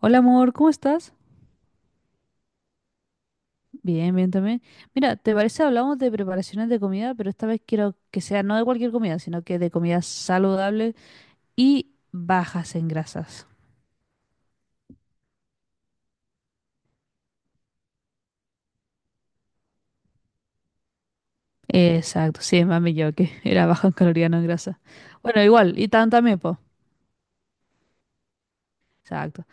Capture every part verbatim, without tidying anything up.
Hola amor, ¿cómo estás? Bien, bien también. Mira, ¿te parece hablamos de preparaciones de comida, pero esta vez quiero que sea no de cualquier comida, sino que de comida saludable y bajas en grasas? Exacto, sí, mami, yo que era bajo en calorías, no en grasa. Bueno, igual, y tan también, po. Exacto.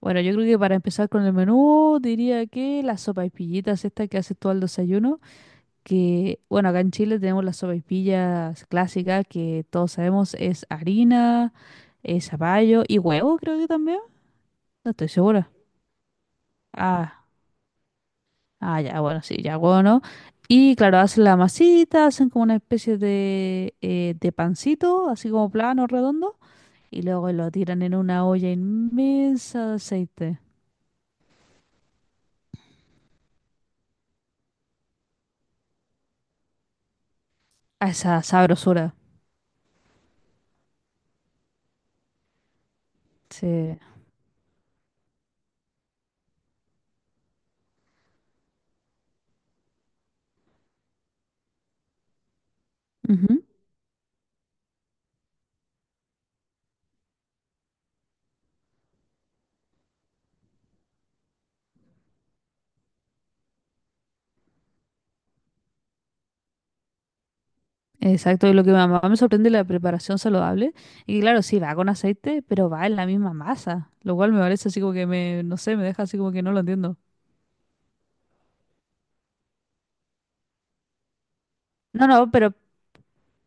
Bueno, yo creo que para empezar con el menú, diría que las sopaipillitas estas que haces tú al desayuno. Que, bueno, acá en Chile tenemos las sopaipillas clásicas que todos sabemos es harina, es zapallo y huevo, creo que también. No estoy segura. Ah, ah, ya, bueno, sí, ya huevo, ¿no? Y claro, hacen la masita, hacen como una especie de, eh, de pancito, así como plano, redondo, y luego lo tiran en una olla inmensa de aceite. A esa sabrosura. Sí. Ujú. Exacto, y lo que mi mamá me sorprende es la preparación saludable. Y claro, sí, va con aceite, pero va en la misma masa, lo cual me parece así como que me, no sé, me deja así como que no lo entiendo. No, no, pero,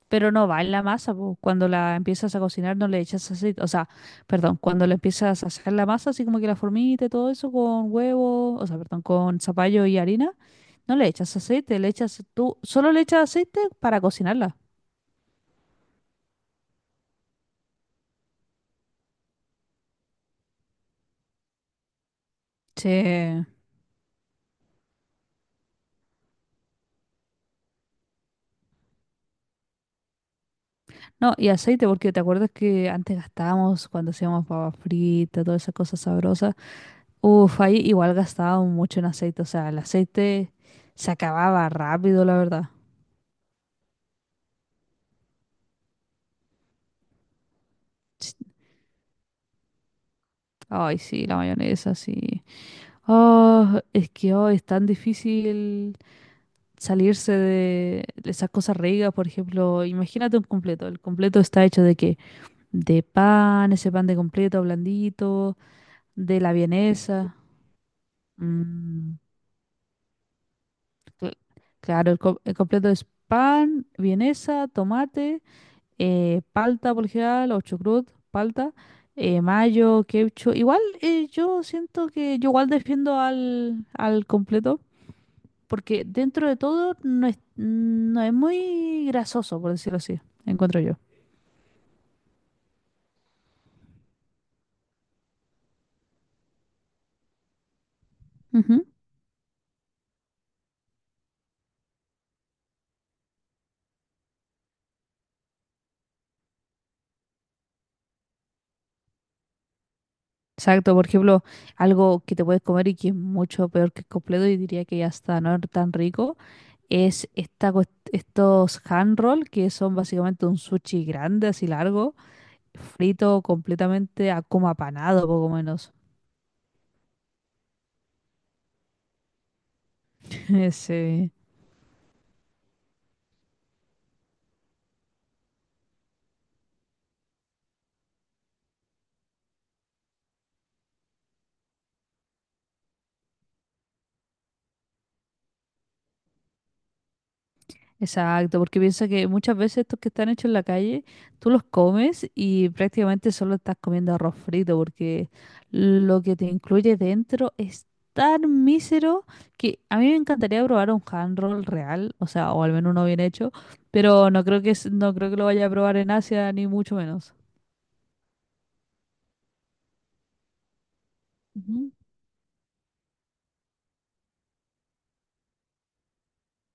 pero no va en la masa, po. Cuando la empiezas a cocinar no le echas aceite, o sea, perdón, cuando le empiezas a hacer la masa, así como que la formita y todo eso con huevo, o sea, perdón, con zapallo y harina, no le echas aceite, le echas tú, solo le echas aceite para cocinarla. Sí. No, y aceite, porque te acuerdas que antes gastábamos cuando hacíamos papa frita, todas esas cosas sabrosas. Uf, ahí igual gastábamos mucho en aceite, o sea, el aceite se acababa rápido, la verdad. Ch- Ay, sí, la mayonesa, sí. Oh, es que hoy es tan difícil salirse de de esas cosas ricas, por ejemplo, imagínate un completo. ¿El completo está hecho de qué? De pan, ese pan de completo blandito, de la vienesa. Mm. Cl- Claro, el, co- el completo es pan, vienesa, tomate, eh, palta por lo general, o chucrut, palta, eh, mayo, queucho. Igual eh, yo siento que yo igual defiendo al, al completo, porque dentro de todo no es, no es muy grasoso, por decirlo así, encuentro yo. Ujú. Exacto, por ejemplo, algo que te puedes comer y que es mucho peor que el completo y diría que ya está no es tan rico es esta, cuest- estos hand roll, que son básicamente un sushi grande, así largo, frito completamente a como apanado, poco menos. Ese, exacto, porque piensa que muchas veces estos que están hechos en la calle, tú los comes y prácticamente solo estás comiendo arroz frito, porque lo que te incluye dentro es tan mísero que a mí me encantaría probar un hand roll real, o sea, o al menos uno bien hecho, pero no creo que, es- no creo que lo vaya a probar en Asia, ni mucho menos. Ujú.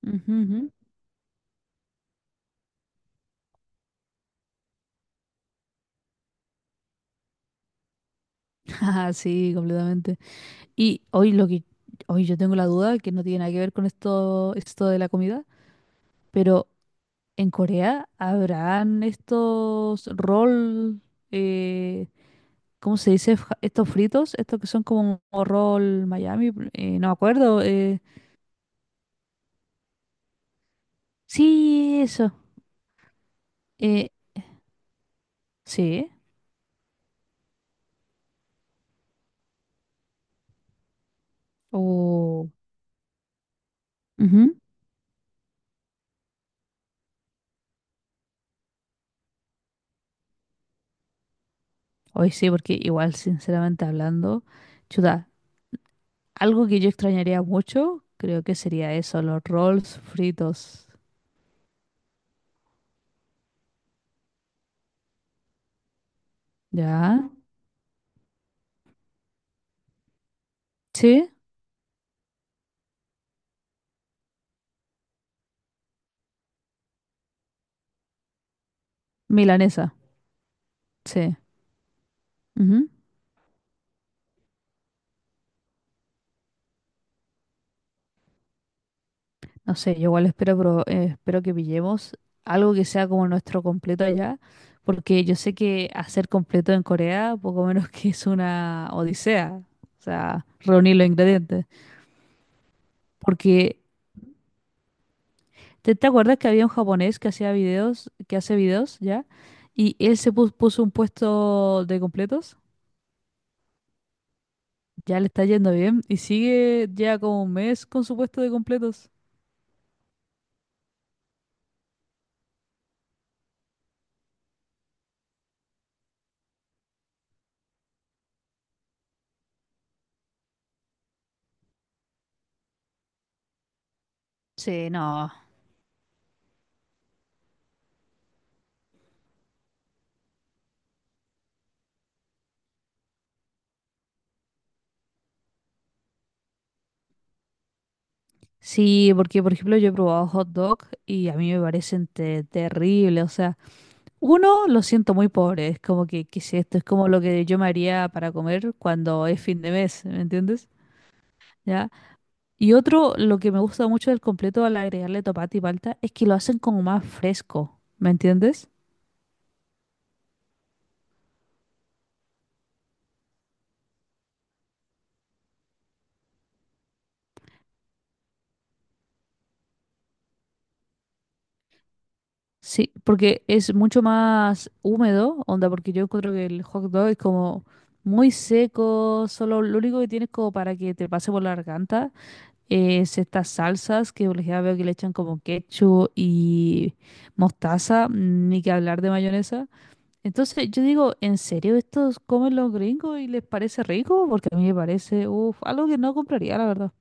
Ujú, ujú. Ah, sí, completamente. Y hoy lo que hoy yo tengo la duda que no tiene nada que ver con esto esto de la comida, pero en Corea habrán estos roll eh, ¿cómo se dice? Fa- Estos fritos, estos que son como roll Miami, eh, no me acuerdo. Eh, sí, eso. Eh, sí. O ujú. Hoy sí, porque igual sinceramente hablando, chuta. Algo que yo extrañaría mucho, creo que sería eso, los rolls fritos. ¿Ya? Sí, milanesa, sí. Ujú. No sé, yo igual espero, pro- eh, espero que pillemos algo que sea como nuestro completo allá, porque yo sé que hacer completo en Corea poco menos que es una odisea, o sea, reunir los ingredientes. Porque, ¿te, te acuerdas que había un japonés que hacía videos, que hace videos, ¿ya? Y él se pu- puso un puesto de completos. Ya le está yendo bien y sigue ya como un mes con su puesto de completos. Sí, no. Sí, porque por ejemplo yo he probado hot dog y a mí me parecen te- terribles. O sea, uno lo siento muy pobre. Es como que, ¿qué es esto? Es como lo que yo me haría para comer cuando es fin de mes, ¿me entiendes? ¿Ya? Y otro, lo que me gusta mucho del completo al agregarle tomate y palta es que lo hacen como más fresco, ¿me entiendes? Sí, porque es mucho más húmedo, onda, porque yo encuentro que el hot dog es como muy seco, solo lo único que tienes como para que te pase por la garganta es estas salsas que por ejemplo veo que le echan como ketchup y mostaza, ni que hablar de mayonesa. Entonces yo digo, ¿en serio estos comen los gringos y les parece rico? Porque a mí me parece, uf, algo que no compraría, la verdad.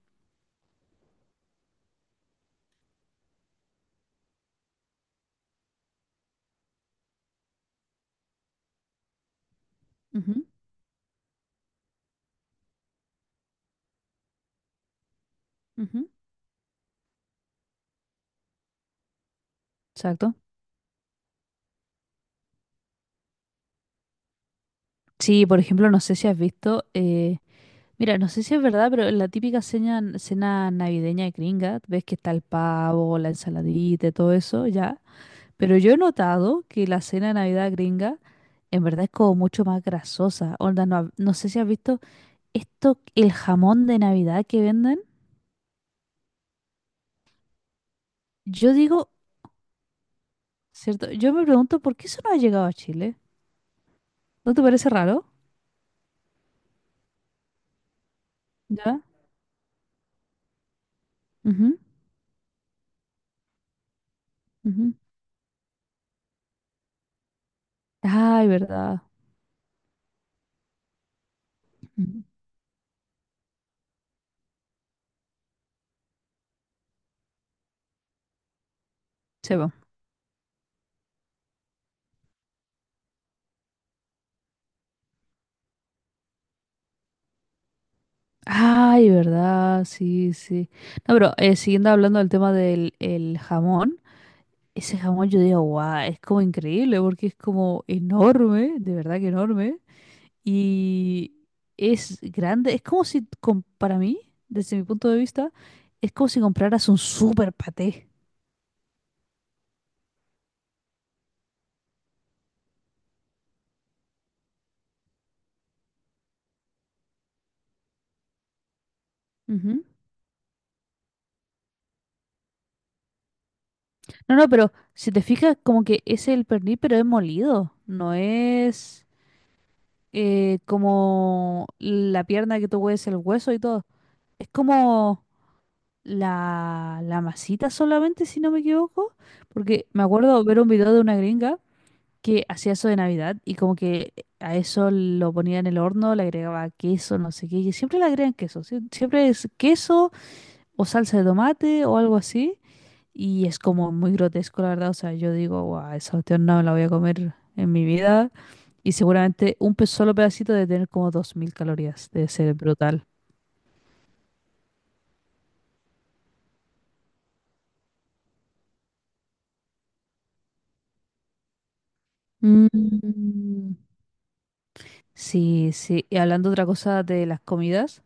Ujú, ujú, exacto. Sí, por ejemplo, no sé si has visto... eh, mira, no sé si es verdad, pero en la típica cena, cena navideña de gringa, ves que está el pavo, la ensaladita, y todo eso, ya. Pero yo he notado que la cena de Navidad gringa en verdad es como mucho más grasosa. Onda, no, ha- no sé si has visto esto, el jamón de Navidad que venden. Yo digo, ¿cierto? Yo me pregunto por qué eso no ha llegado a Chile. ¿No te parece raro? Ya. Ujú, ujú. Ay, verdad. Ujú. Sí, po. Ay, verdad, sí, sí. No, pero eh, siguiendo hablando del tema del el jamón, ese jamón yo digo, guau, es como increíble porque es como enorme, de verdad que enorme, y es grande, es como si, com- para mí, desde mi punto de vista, es como si compraras un super paté. Ujú. No, no, pero si te fijas, como que es el pernil, pero es molido, no es eh, como la pierna que tú hueves el hueso y todo. Es como... la, la masita solamente, si no me equivoco, porque me acuerdo ver un video de una gringa que hacía eso de Navidad y como que a eso lo ponía en el horno, le agregaba queso, no sé qué, y siempre le agregan queso, sie- siempre es queso o salsa de tomate o algo así, y es como muy grotesco, la verdad, o sea, yo digo, guau, esa cuestión no me la voy a comer en mi vida, y seguramente un pe- solo pedacito de tener como dos mil calorías, debe ser brutal. Mm, sí, sí. Y hablando otra cosa de las comidas,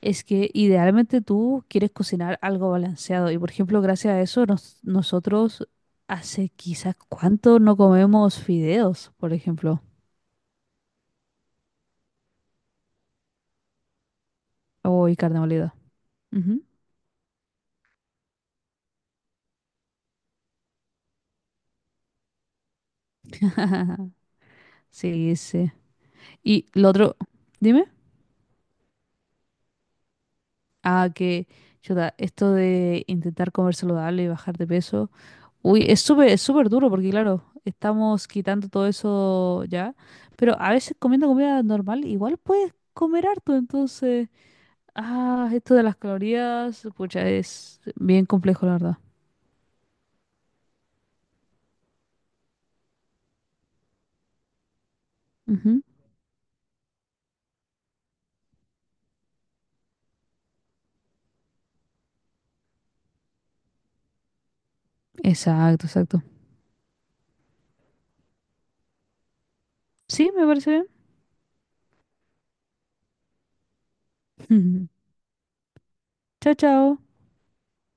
es que idealmente tú quieres cocinar algo balanceado. Y por ejemplo, gracias a eso, nos- nosotros hace quizás cuánto no comemos fideos, por ejemplo. O y carne molida. Ujú. Sí, sí. Y lo otro, dime. Ah, que, chuta, esto de intentar comer saludable y bajar de peso. Uy, es súper, es súper duro porque, claro, estamos quitando todo eso ya. Pero a veces comiendo comida normal, igual puedes comer harto. Entonces, ah, esto de las calorías, pucha, es bien complejo, la verdad. Ujú. Exacto, exacto. Sí, me parece bien. Chao, chao.